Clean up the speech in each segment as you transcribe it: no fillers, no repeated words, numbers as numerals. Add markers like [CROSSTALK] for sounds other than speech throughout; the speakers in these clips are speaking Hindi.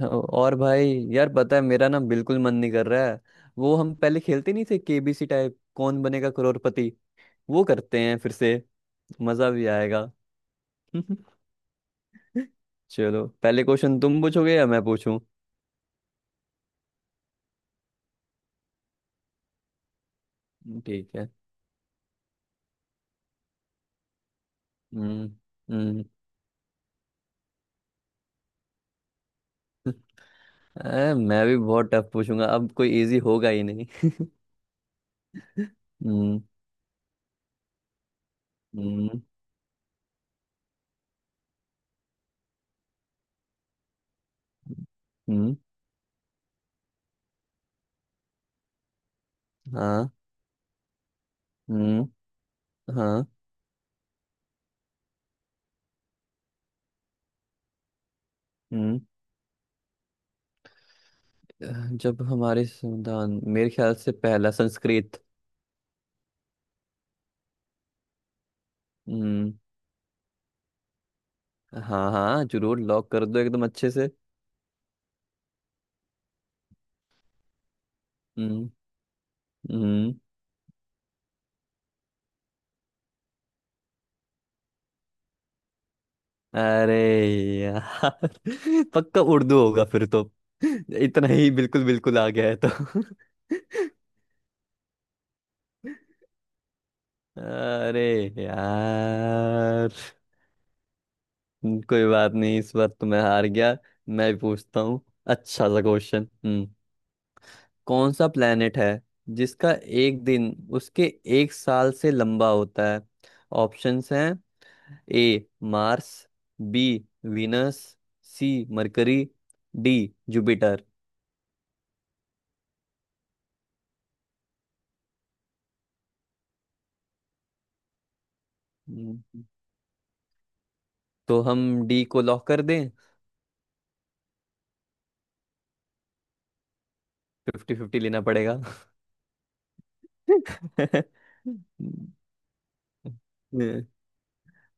हाँ, और भाई यार पता है मेरा ना बिल्कुल मन नहीं कर रहा है। वो हम पहले खेलते नहीं थे केबीसी टाइप कौन बनेगा करोड़पति, वो करते हैं फिर से। मजा भी आएगा। [LAUGHS] चलो पहले क्वेश्चन तुम पूछोगे या मैं पूछूं? ठीक है। हम्म। हम्म। [LAUGHS] अरे, मैं भी बहुत टफ पूछूंगा, अब कोई इजी होगा ही नहीं। [LAUGHS] हम्म। हम्म। हम्म, हाँ। हम्म। हाँ। हम्म। जब हमारे संविधान मेरे ख्याल से पहला संस्कृत। हम्म। हाँ हाँ जरूर लॉक कर दो एकदम अच्छे से। हम्म। हम्म। अरे यार [LAUGHS] पक्का उर्दू होगा फिर तो। इतना ही बिल्कुल बिल्कुल आ गया है तो [LAUGHS] अरे यार, कोई बात नहीं, इस बार तो मैं हार गया। मैं भी पूछता हूँ। अच्छा सा क्वेश्चन। हम्म। कौन सा प्लेनेट है जिसका एक दिन उसके एक साल से लंबा होता है? ऑप्शंस हैं। A Mars, B Venus, C Mercury, D Jupiter. हम्म, तो हम डी को लॉक कर दें? फिफ्टी फिफ्टी लेना पड़ेगा। [LAUGHS]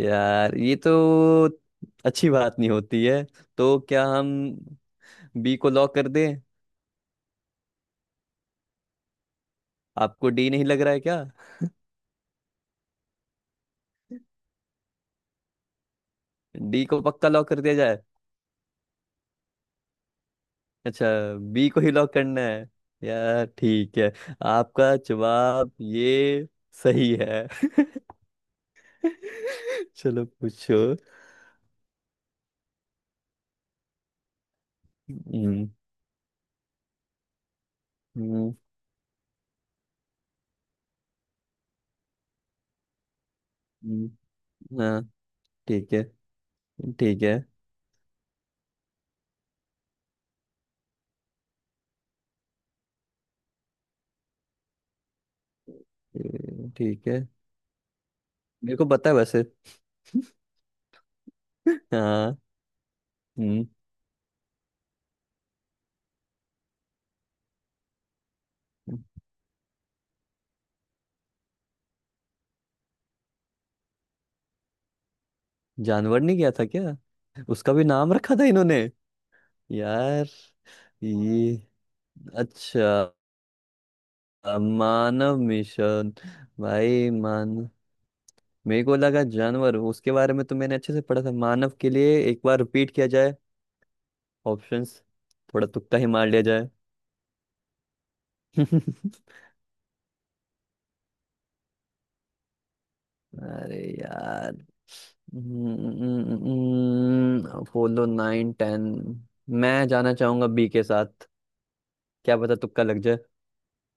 यार ये तो अच्छी बात नहीं होती है। तो क्या हम बी को लॉक कर दें? आपको डी नहीं लग रहा है क्या? डी को पक्का लॉक कर दिया जाए? अच्छा, बी को ही लॉक करना है। यार ठीक है, आपका जवाब ये सही है। चलो पूछो। हम्म। हम्म, हम्म, हाँ। ठीक है। ठीक है। ए, ठीक है। मेरे को पता है वैसे। हाँ। हम्म। जानवर नहीं गया था क्या? उसका भी नाम रखा था इन्होंने यार। ये, अच्छा, मानव मिशन। भाई मान, मेरे को लगा जानवर। उसके बारे में तो मैंने अच्छे से पढ़ा था। मानव के लिए एक बार रिपीट किया जाए। ऑप्शंस। थोड़ा तुक्का ही मार लिया जाए। [LAUGHS] अरे यार। Apollo nine ten. मैं जाना चाहूंगा बी के साथ, क्या पता तुक्का लग जाए।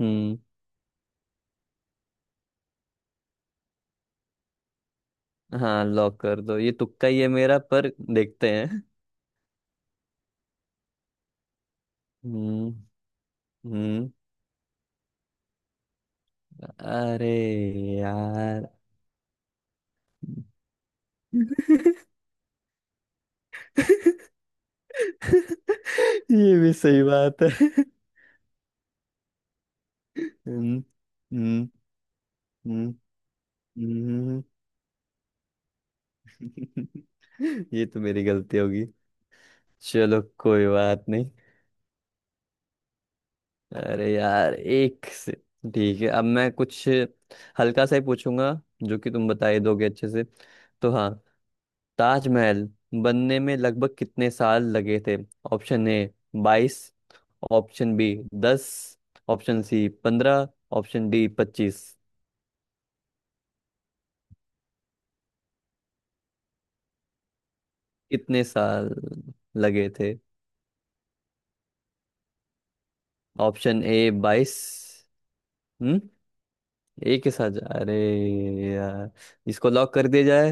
हम्म। हाँ लॉक कर दो, ये तुक्का ही है मेरा, पर देखते हैं। हम्म। हम्म। अरे यार। [LAUGHS] ये भी सही बात है। हम्म। हम्म। हम्म। हम्म। [LAUGHS] ये तो मेरी गलती होगी। चलो कोई बात नहीं। अरे यार एक से। ठीक है, अब मैं कुछ हल्का सा ही पूछूंगा जो कि तुम बता ही दोगे अच्छे से। तो हाँ, ताजमहल बनने में लगभग कितने साल लगे थे? ऑप्शन ए बाईस, ऑप्शन बी दस, ऑप्शन सी पंद्रह, ऑप्शन डी पच्चीस। कितने साल लगे थे? ऑप्शन ए बाईस। हम्म। एक के साथ जा- अरे यार, इसको लॉक कर दिया जाए।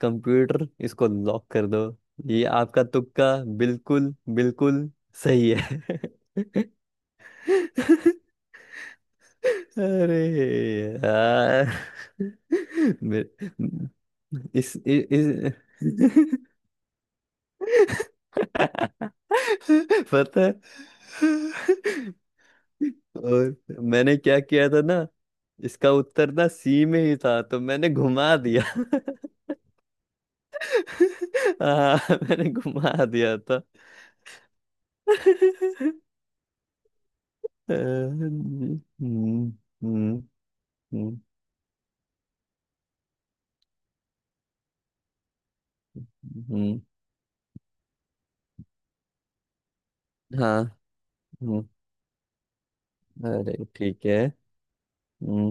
कंप्यूटर, इसको लॉक कर दो। ये आपका तुक्का बिल्कुल बिल्कुल सही है। [LAUGHS] अरे यार, मेरे- इस [LAUGHS] पता है। और मैंने क्या किया था ना, इसका उत्तर ना सी में ही था तो मैंने घुमा दिया। [LAUGHS] हाँ मैंने घुमा दिया था। हम्म। हम्म। हम्म। हम्म, हम्म, हाँ। हम्म, अरे ठीक है। हम्म।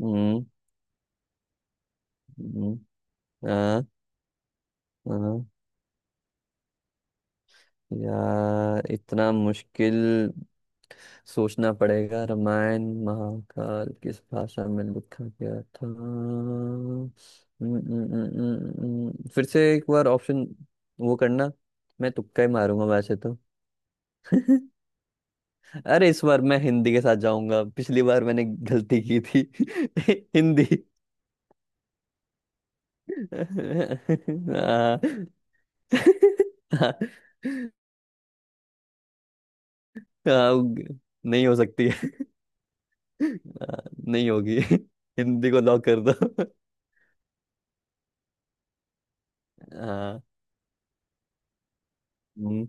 हम्म। हम्म, हाँ। हाँ, यार इतना मुश्किल, सोचना पड़ेगा रामायण महाकाल किस भाषा में लिखा गया था। हम्म, फिर से एक बार ऑप्शन वो करना। मैं तुक्का ही मारूंगा वैसे तो। अरे इस बार मैं हिंदी के साथ जाऊंगा, पिछली बार मैंने गलती की थी। [LAUGHS] हिंदी। [LAUGHS] हाँ [LAUGHS] हाँ, हाँ, नहीं हो सकती। हाँ, नहीं होगी। [LAUGHS] हिंदी को लॉक कर दो। हाँ। हम्म,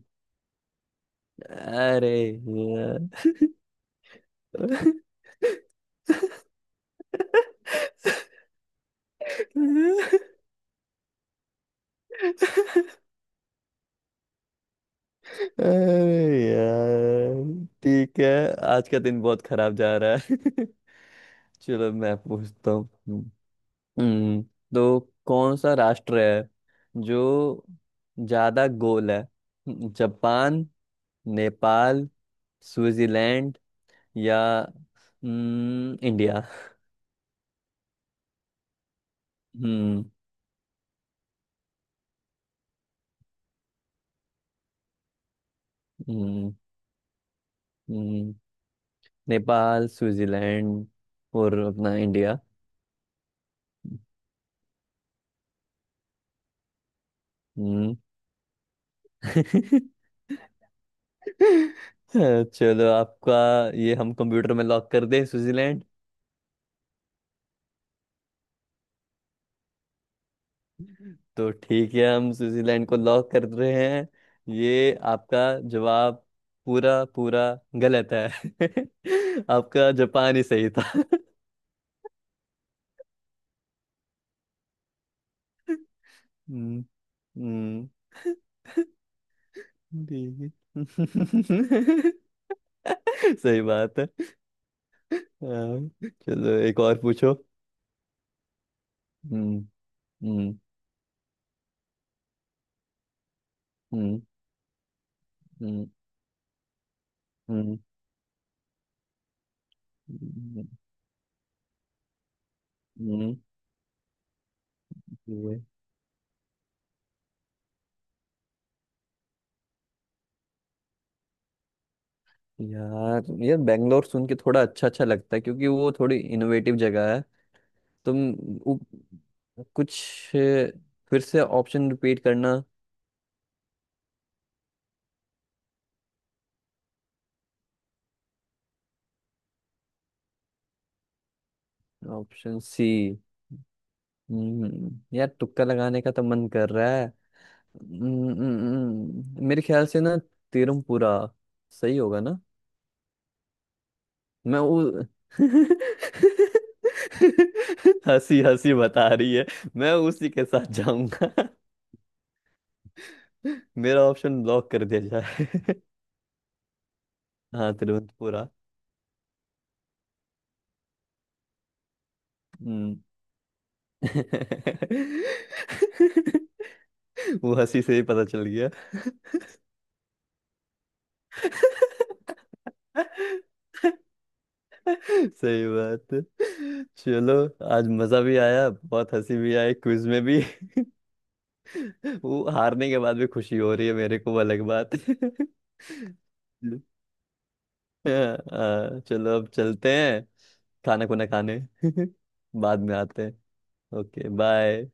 अरे यार [LAUGHS] अरे यार ठीक है, आज का दिन बहुत खराब जा रहा है। [LAUGHS] चलो मैं पूछता हूँ। हम्म, तो कौन सा राष्ट्र है जो ज्यादा गोल है? जापान, नेपाल, स्विट्जरलैंड या इंडिया। हम्म। हम्म। हम्म, नेपाल स्विट्जरलैंड। और अपना इंडिया। हम्म। [LAUGHS] चलो आपका ये हम कंप्यूटर में लॉक कर दें, स्विट्जरलैंड? तो ठीक है, हम स्विट्जरलैंड को लॉक कर रहे हैं। ये आपका जवाब पूरा पूरा गलत है। [LAUGHS] आपका जापान ही सही था। [LAUGHS] हम्म। हम्म, ठीक है। [LAUGHS] सही बात है। हाँ, चलो एक और पूछो। हम्म। हम्म। हम्म। हम्म। हम्म। हम्म, हम्म, ये- यार ये बेंगलोर सुन के थोड़ा अच्छा अच्छा लगता है क्योंकि वो थोड़ी इनोवेटिव जगह है। तुम, उ, कुछ, अ, फिर से ऑप्शन रिपीट करना। Option C. हम्म, यार तुक्का लगाने का तो मन कर रहा है। मेरे ख्याल से ना तिरुमपुरा सही होगा। मैं उ... [LAUGHS] हंसी हंसी बता रही है। मैं उसी के साथ जाऊंगा। [LAUGHS] मेरा ऑप्शन ब्लॉक कर दिया जाए। [LAUGHS] हाँ तिरुवंतपुरा। हम्म। [LAUGHS] वो हंसी से ही पता चल गया। [LAUGHS] सही बात है। चलो, आज मजा भी आया, बहुत हंसी भी आई, क्विज में भी। [LAUGHS] वो हारने के बाद भी खुशी हो रही है मेरे को, वो अलग बात। [LAUGHS] [LAUGHS] हाँ, चलो अब चलते हैं, खाना खुना खाने। [LAUGHS] बाद में आते हैं। Okay bye.